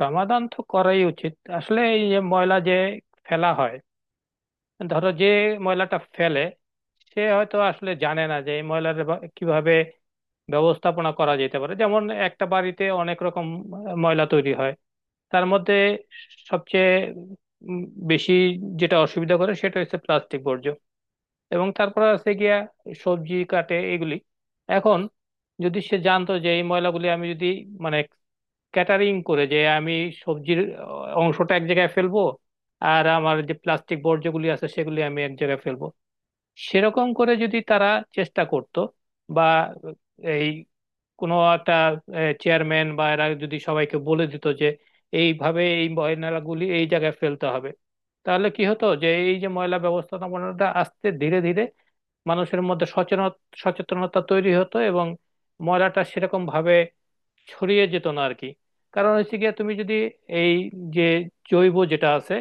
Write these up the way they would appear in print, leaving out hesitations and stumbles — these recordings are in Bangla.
সমাধান তো করাই উচিত। আসলে এই যে ময়লা যে ফেলা হয়, ধরো যে ময়লাটা ফেলে, সে হয়তো আসলে জানে না যে এই ময়লার কিভাবে ব্যবস্থাপনা করা যেতে পারে। যেমন একটা বাড়িতে অনেক রকম ময়লা তৈরি হয়, তার মধ্যে সবচেয়ে উম বেশি যেটা অসুবিধা করে সেটা হচ্ছে প্লাস্টিক বর্জ্য। এবং তারপর আছে গিয়া সবজি কাটে এগুলি। এখন যদি সে জানতো যে এই ময়লাগুলি আমি যদি মানে ক্যাটারিং করে, যে আমি সবজির অংশটা এক জায়গায় ফেলবো, আর আমার যে প্লাস্টিক বর্জ্যগুলি আছে সেগুলি আমি এক জায়গায় ফেলবো। সেরকম করে যদি তারা চেষ্টা করত, বা এই কোনো একটা চেয়ারম্যান বা এরা যদি সবাইকে বলে দিত যে এইভাবে এই ময়লাগুলি এই জায়গায় ফেলতে হবে, তাহলে কি হতো যে এই যে ময়লা ব্যবস্থাপনাটা আস্তে ধীরে ধীরে মানুষের মধ্যে সচেতনতা তৈরি হতো এবং ময়লাটা সেরকম ভাবে ছড়িয়ে যেত না আর কি। কারণ হচ্ছে গিয়ে তুমি যদি এই যে জৈব যেটা আছে,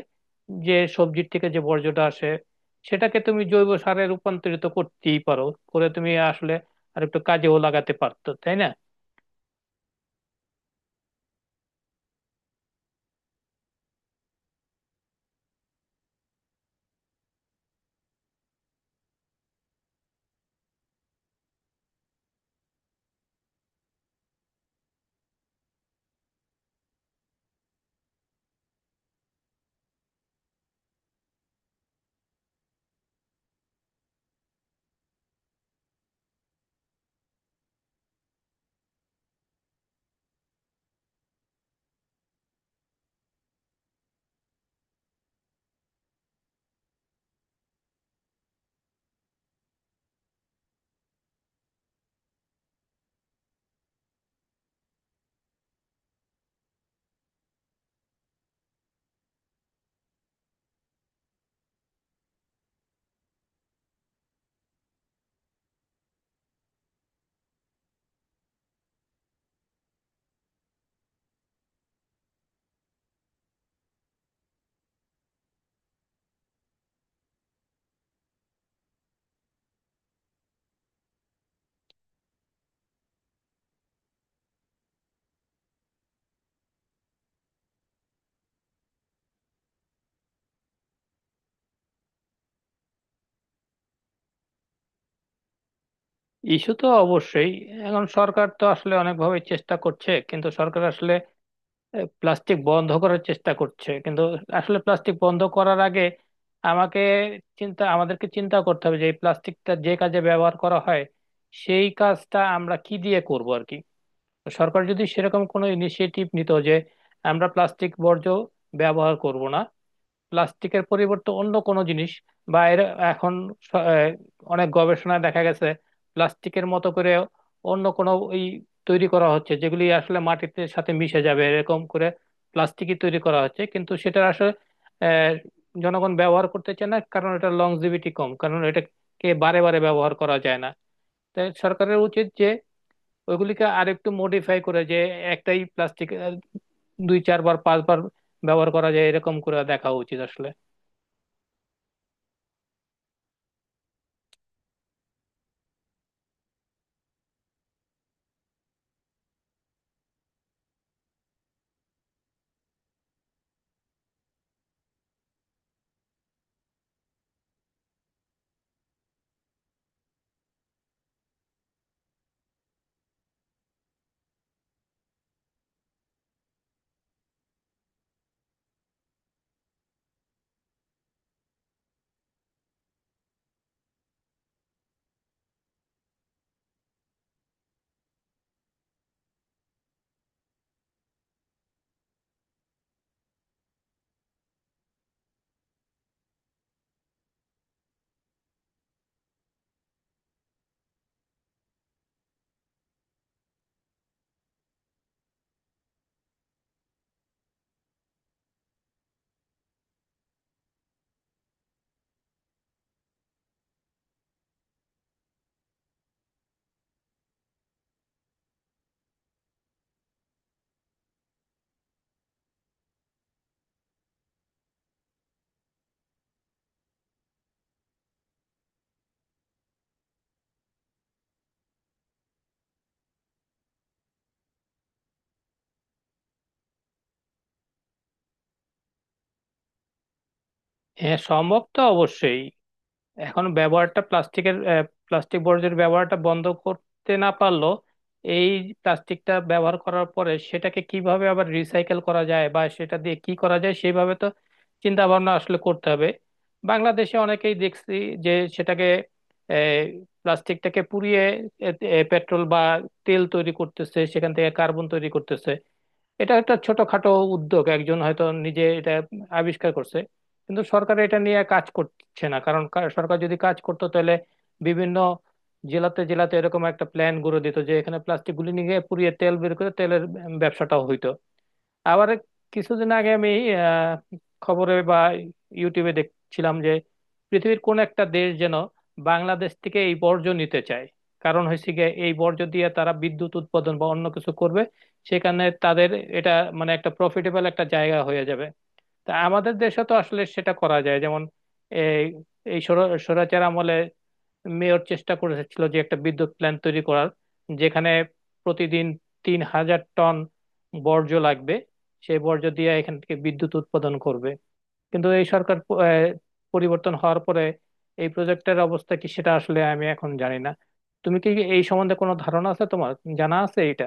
যে সবজির থেকে যে বর্জ্যটা আসে, সেটাকে তুমি জৈব সারে রূপান্তরিত করতেই পারো, করে তুমি আসলে আর একটু কাজেও লাগাতে পারতো, তাই না? ইস্যু তো অবশ্যই। এখন সরকার তো আসলে অনেকভাবে চেষ্টা করছে, কিন্তু সরকার আসলে প্লাস্টিক বন্ধ করার চেষ্টা করছে, কিন্তু আসলে প্লাস্টিক বন্ধ করার আগে আমাকে চিন্তা আমাদেরকে চিন্তা করতে হবে যে এই প্লাস্টিকটা যে কাজে ব্যবহার করা হয় সেই কাজটা আমরা কি দিয়ে করব আর কি। তো সরকার যদি সেরকম কোনো ইনিশিয়েটিভ নিত যে আমরা প্লাস্টিক বর্জ্য ব্যবহার করব না, প্লাস্টিকের পরিবর্তে অন্য কোনো জিনিস বা এর। এখন স- আহ, অনেক গবেষণায় দেখা গেছে প্লাস্টিকের মতো করে অন্য কোনো ওই তৈরি করা হচ্ছে যেগুলি আসলে মাটিতে সাথে মিশে যাবে এরকম করে প্লাস্টিকই তৈরি করা হচ্ছে, কিন্তু সেটা আসলে আহ, জনগণ ব্যবহার করতে চায় না, কারণ এটা লংজিভিটি কম, কারণ এটাকে বারে বারে ব্যবহার করা যায় না। তাই সরকারের উচিত যে ওইগুলিকে আরেকটু মডিফাই করে যে একটাই প্লাস্টিক দুই চারবার পাঁচবার ব্যবহার করা যায় এরকম করে দেখা উচিত আসলে। হ্যাঁ, সম্ভব তো অবশ্যই। এখন ব্যবহারটা প্লাস্টিকের প্লাস্টিক বর্জ্যের ব্যবহারটা বন্ধ করতে না পারলো, এই প্লাস্টিকটা ব্যবহার করার পরে সেটাকে কিভাবে আবার রিসাইকেল করা যায় বা সেটা দিয়ে কি করা যায় সেইভাবে তো চিন্তা ভাবনা আসলে করতে হবে। বাংলাদেশে অনেকেই দেখছি যে সেটাকে প্লাস্টিকটাকে পুড়িয়ে পেট্রোল বা তেল তৈরি করতেছে, সেখান থেকে কার্বন তৈরি করতেছে। এটা একটা ছোটখাটো উদ্যোগ, একজন হয়তো নিজে এটা আবিষ্কার করছে, কিন্তু সরকার এটা নিয়ে কাজ করছে না। কারণ সরকার যদি কাজ করতো তাহলে বিভিন্ন জেলাতে জেলাতে এরকম একটা প্ল্যান গুঁড়ো দিত যে এখানে প্লাস্টিক গুলি নিয়ে গিয়ে পুড়িয়ে তেল বের করে তেলের ব্যবসাটাও হইতো। আবার কিছুদিন আগে আমি আহ, খবরে বা ইউটিউবে দেখছিলাম যে পৃথিবীর কোন একটা দেশ যেন বাংলাদেশ থেকে এই বর্জ্য নিতে চায়, কারণ হচ্ছে গিয়ে এই বর্জ্য দিয়ে তারা বিদ্যুৎ উৎপাদন বা অন্য কিছু করবে। সেখানে তাদের এটা মানে একটা প্রফিটেবল একটা জায়গা হয়ে যাবে। তা আমাদের দেশে তো আসলে সেটা করা যায়। যেমন এই এই স্বৈরাচার আমলে মেয়র চেষ্টা করেছিল যে একটা বিদ্যুৎ প্ল্যান্ট তৈরি করার, যেখানে প্রতিদিন 3,000 টন বর্জ্য লাগবে, সেই বর্জ্য দিয়ে এখান থেকে বিদ্যুৎ উৎপাদন করবে। কিন্তু এই সরকার পরিবর্তন হওয়ার পরে এই প্রজেক্টের অবস্থা কি সেটা আসলে আমি এখন জানি না। তুমি কি এই সম্বন্ধে কোনো ধারণা আছে তোমার? জানা আছে এটা?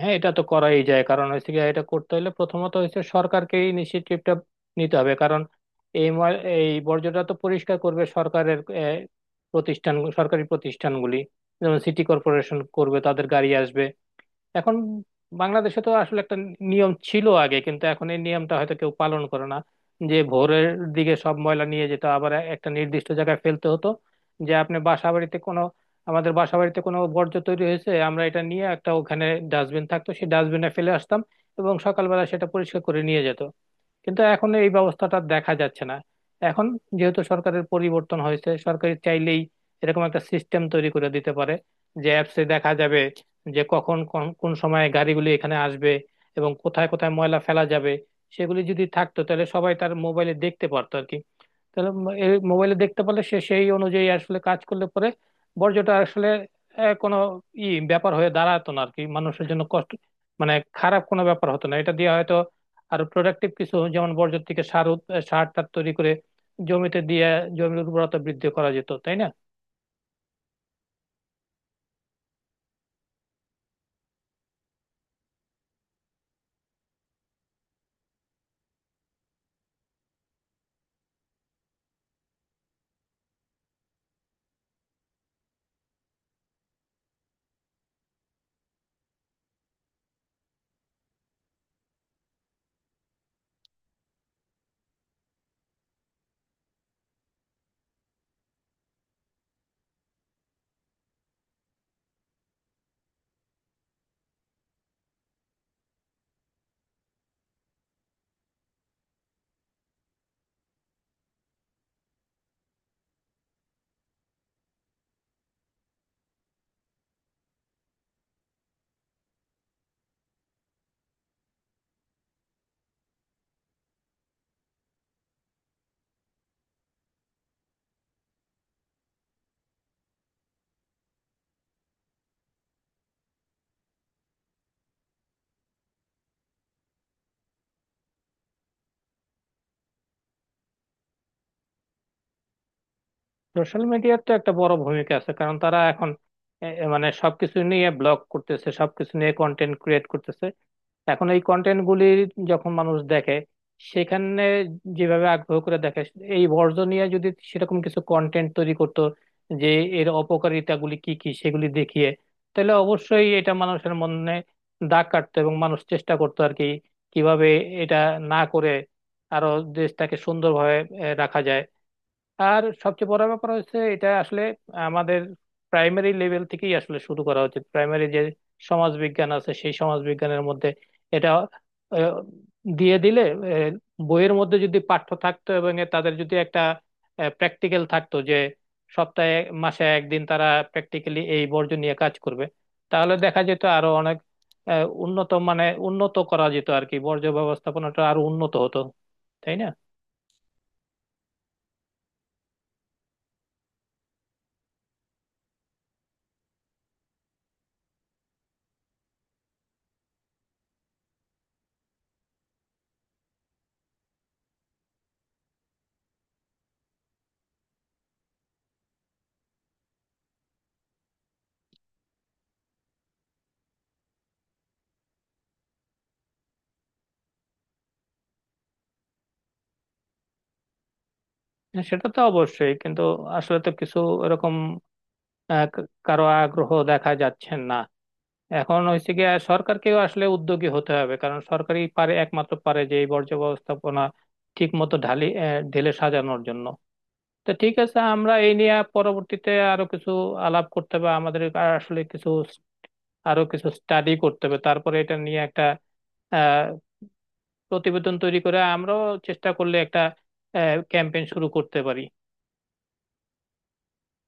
হ্যাঁ, এটা তো করাই যায়। কারণ হচ্ছে কি, এটা করতে হলে প্রথমত হচ্ছে সরকারকে ইনিশিয়েটিভটা নিতে হবে। কারণ এই বর্জ্যটা তো পরিষ্কার করবে সরকারের প্রতিষ্ঠান, সরকারি প্রতিষ্ঠানগুলি যেমন সিটি কর্পোরেশন করবে, তাদের গাড়ি আসবে। এখন বাংলাদেশে তো আসলে একটা নিয়ম ছিল আগে, কিন্তু এখন এই নিয়মটা হয়তো কেউ পালন করে না। যে ভোরের দিকে সব ময়লা নিয়ে যেত, আবার একটা নির্দিষ্ট জায়গায় ফেলতে হতো। যে আপনি বাসা বাড়িতে কোনো আমাদের বাসা বাড়িতে কোনো বর্জ্য তৈরি হয়েছে, আমরা এটা নিয়ে একটা ওখানে ডাস্টবিন থাকতো, সেই ডাস্টবিনে ফেলে আসতাম এবং সকালবেলা সেটা পরিষ্কার করে নিয়ে যেত। কিন্তু এখন এই ব্যবস্থাটা দেখা যাচ্ছে না। এখন যেহেতু সরকারের পরিবর্তন হয়েছে, সরকার চাইলেই এরকম একটা সিস্টেম তৈরি করে দিতে পারে যে অ্যাপসে দেখা যাবে যে কখন কোন কোন সময় গাড়িগুলি এখানে আসবে এবং কোথায় কোথায় ময়লা ফেলা যাবে। সেগুলি যদি থাকতো তাহলে সবাই তার মোবাইলে দেখতে পারতো আর কি। তাহলে মোবাইলে দেখতে পারলে সে সেই অনুযায়ী আসলে কাজ করলে পরে বর্জ্যটা আসলে কোনো ই ব্যাপার হয়ে দাঁড়াতো না আর কি, মানুষের জন্য কষ্ট মানে খারাপ কোনো ব্যাপার হতো না। এটা দিয়ে হয়তো আরো প্রোডাক্টিভ কিছু, যেমন বর্জ্য থেকে সার টার তৈরি করে জমিতে দিয়ে জমির উর্বরতা বৃদ্ধি করা যেত, তাই না? সোশ্যাল মিডিয়ার তো একটা বড় ভূমিকা আছে। কারণ তারা এখন এ- এ মানে সবকিছু নিয়ে ব্লগ করতেছে, সবকিছু নিয়ে কন্টেন্ট ক্রিয়েট করতেছে। এখন এই কন্টেন্ট গুলি যখন মানুষ দেখে, সেখানে যেভাবে আগ্রহ করে দেখে, এই বর্জন নিয়ে যদি সেরকম কিছু কন্টেন্ট তৈরি করতো যে এর অপকারিতা গুলি কি কি সেগুলি দেখিয়ে, তাহলে অবশ্যই এটা মানুষের মনে দাগ কাটতো এবং মানুষ চেষ্টা করতো আর কি কিভাবে এটা না করে আরো দেশটাকে সুন্দরভাবে রাখা যায়। আর সবচেয়ে বড় ব্যাপার হচ্ছে এটা আসলে আমাদের প্রাইমারি লেভেল থেকেই আসলে শুরু করা উচিত। প্রাইমারি যে সমাজ বিজ্ঞান আছে সেই সমাজ বিজ্ঞানের মধ্যে এটা আহ, দিয়ে দিলে, আহ, বইয়ের মধ্যে যদি পাঠ্য থাকতো এবং এ তাদের যদি একটা প্র্যাকটিক্যাল থাকতো যে সপ্তাহে মাসে একদিন তারা প্র্যাকটিক্যালি এই বর্জ্য নিয়ে কাজ করবে, তাহলে দেখা যেত আরো অনেক উন্নত মানে উন্নত করা যেত আর কি, বর্জ্য ব্যবস্থাপনাটা আরো উন্নত হতো, তাই না? হ্যাঁ, সেটা তো অবশ্যই। কিন্তু আসলে তো কিছু এরকম কারো আগ্রহ দেখা যাচ্ছে না। এখন হচ্ছে গিয়ে সরকারকেও আসলে উদ্যোগী হতে হবে, কারণ সরকারই পারে একমাত্র পারে যে এই বর্জ্য ব্যবস্থাপনা ঠিক মতো ঢেলে সাজানোর জন্য। তো ঠিক আছে, আমরা এই নিয়ে পরবর্তীতে আরো কিছু আলাপ করতে হবে আমাদের। আর আসলে আরো কিছু স্টাডি করতে হবে, তারপরে এটা নিয়ে একটা আহ প্রতিবেদন তৈরি করে আমরাও চেষ্টা করলে একটা ক্যাম্পেইন শুরু করতে পারি।